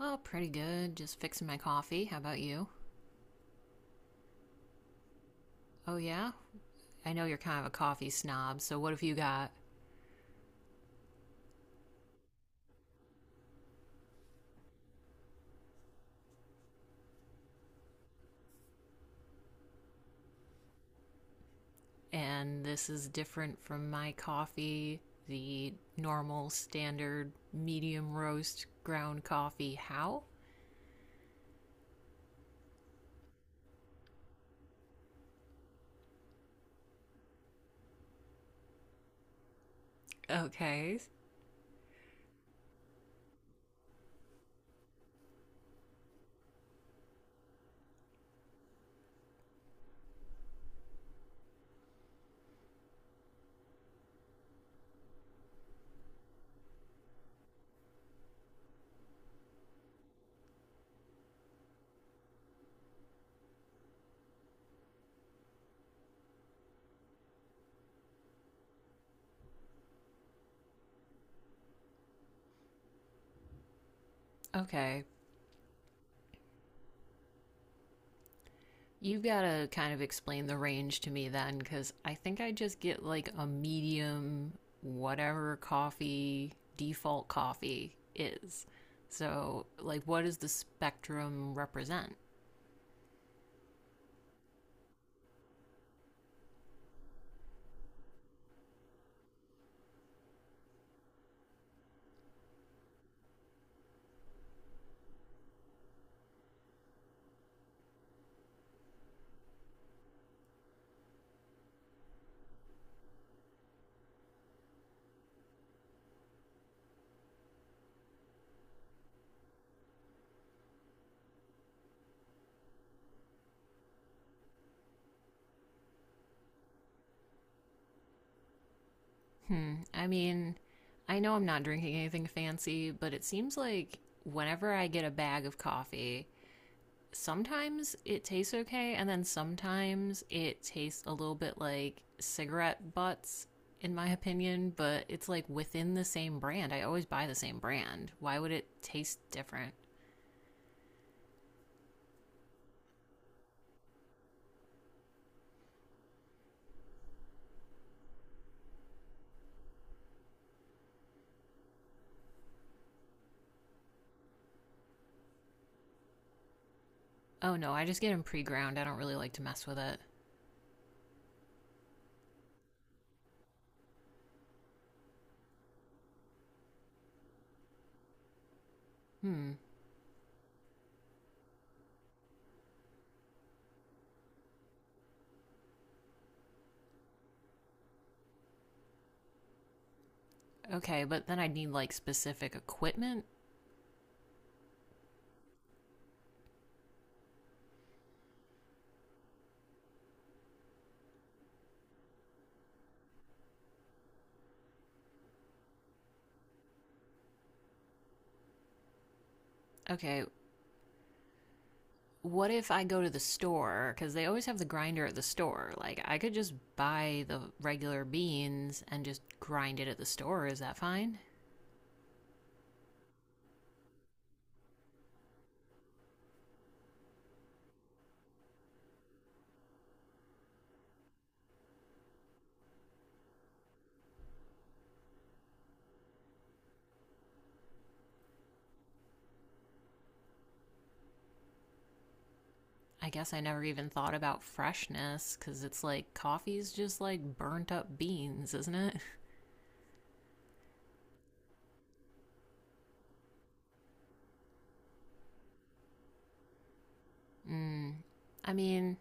Oh, pretty good. Just fixing my coffee. How about you? Oh, yeah? I know you're kind of a coffee snob, so what have you got? And this is different from my coffee, the normal, standard, medium roast ground coffee. How? Okay. Okay. You've got to kind of explain the range to me then, because I think I just get like a medium, whatever coffee, default coffee is. So, like, what does the spectrum represent? Hmm. I mean, I know I'm not drinking anything fancy, but it seems like whenever I get a bag of coffee, sometimes it tastes okay, and then sometimes it tastes a little bit like cigarette butts, in my opinion, but it's like within the same brand. I always buy the same brand. Why would it taste different? Oh no, I just get them pre ground. I don't really like to mess with it. Hmm, okay, but then I'd need like specific equipment. Okay, what if I go to the store? Because they always have the grinder at the store. Like, I could just buy the regular beans and just grind it at the store. Is that fine? I guess I never even thought about freshness because it's like coffee's just like burnt up beans, isn't it? Mm. I mean,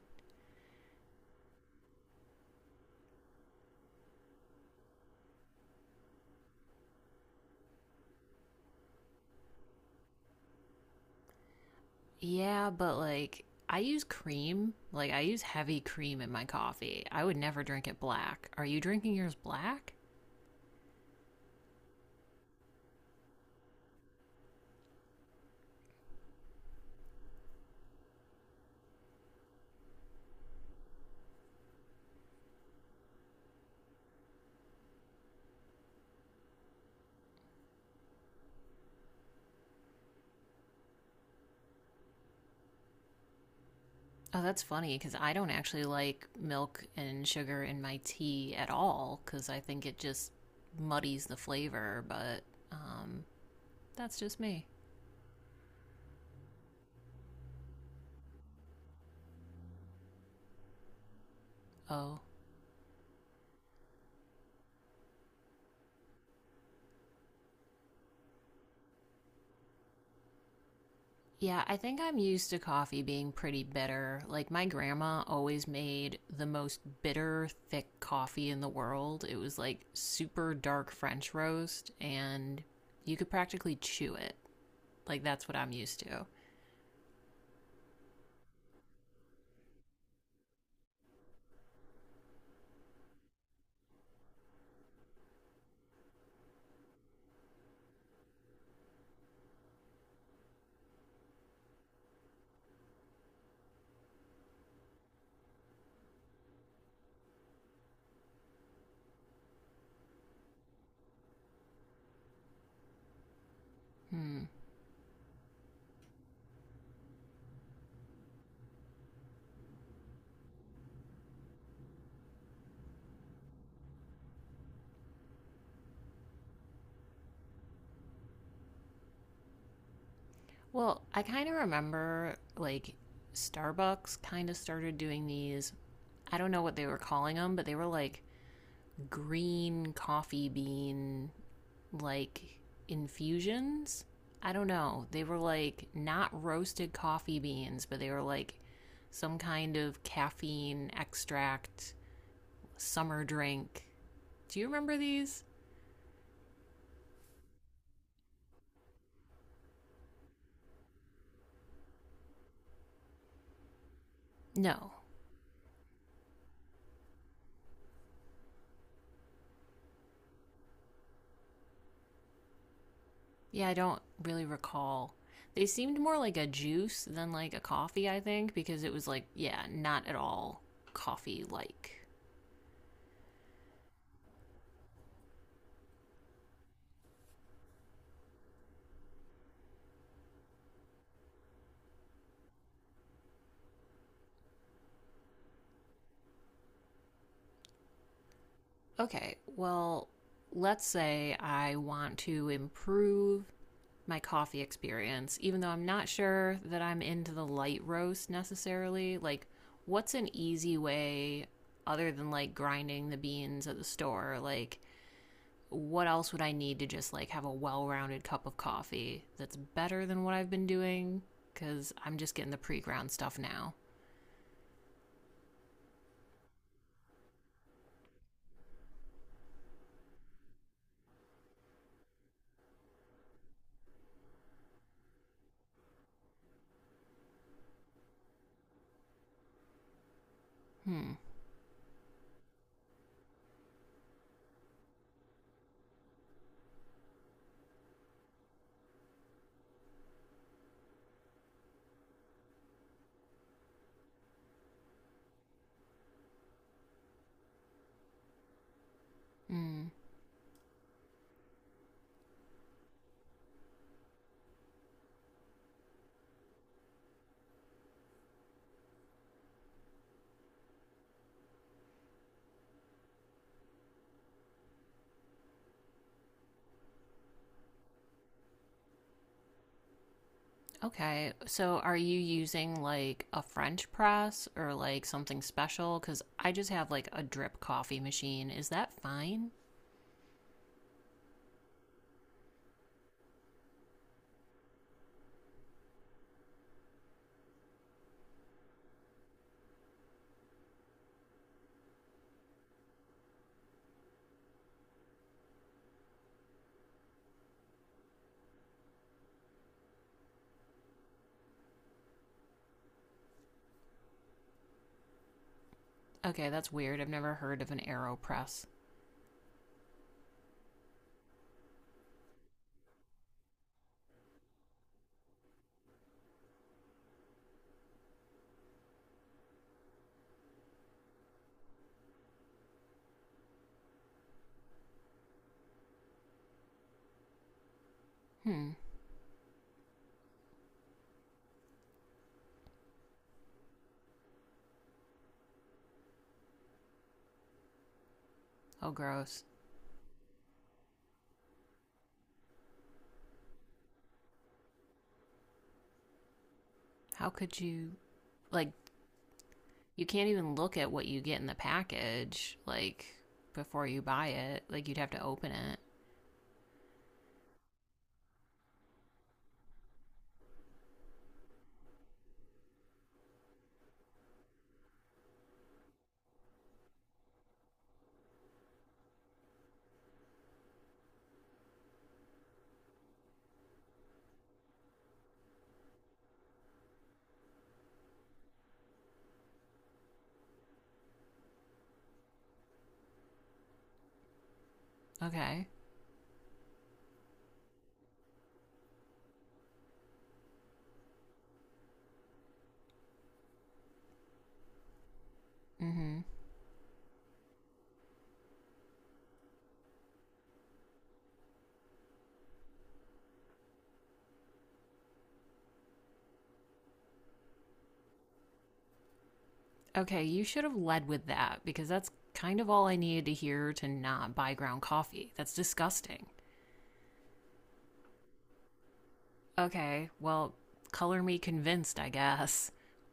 yeah, but like I use cream. Like I use heavy cream in my coffee. I would never drink it black. Are you drinking yours black? Oh, that's funny because I don't actually like milk and sugar in my tea at all because I think it just muddies the flavor, but um, that's just me. Oh, yeah, I think I'm used to coffee being pretty bitter. Like, my grandma always made the most bitter, thick coffee in the world. It was like super dark French roast, and you could practically chew it. Like, that's what I'm used to. Hmm. Well, I kind of remember, like, Starbucks kind of started doing these. I don't know what they were calling them, but they were like green coffee bean, like, infusions. I don't know. They were like not roasted coffee beans, but they were like some kind of caffeine extract, summer drink. Do you remember these? No. Yeah, I don't really recall. They seemed more like a juice than like a coffee, I think, because it was like, yeah, not at all coffee like. Okay, well, let's say I want to improve my coffee experience, even though I'm not sure that I'm into the light roast necessarily. Like, what's an easy way other than like grinding the beans at the store? Like, what else would I need to just like have a well rounded cup of coffee that's better than what I've been doing? Because I'm just getting the pre ground stuff now. Hmm. Mm. Okay. So are you using like a French press or like something special? Because I just have like a drip coffee machine. Is that fine? Okay, that's weird. I've never heard of an AeroPress. Hmm. Oh, gross. How could you, like, you can't even look at what you get in the package, like, before you buy it. Like, you'd have to open it. Okay. Mm hmm. Okay, you should have led with that because that's kind of all I needed to hear to not buy ground coffee. That's disgusting. Okay, well, color me convinced, I guess.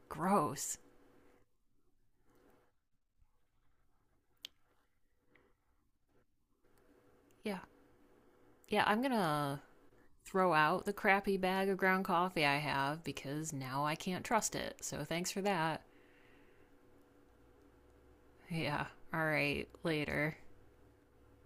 Gross. Yeah. Yeah, I'm gonna throw out the crappy bag of ground coffee I have because now I can't trust it. So thanks for that. Yeah. All right. Later.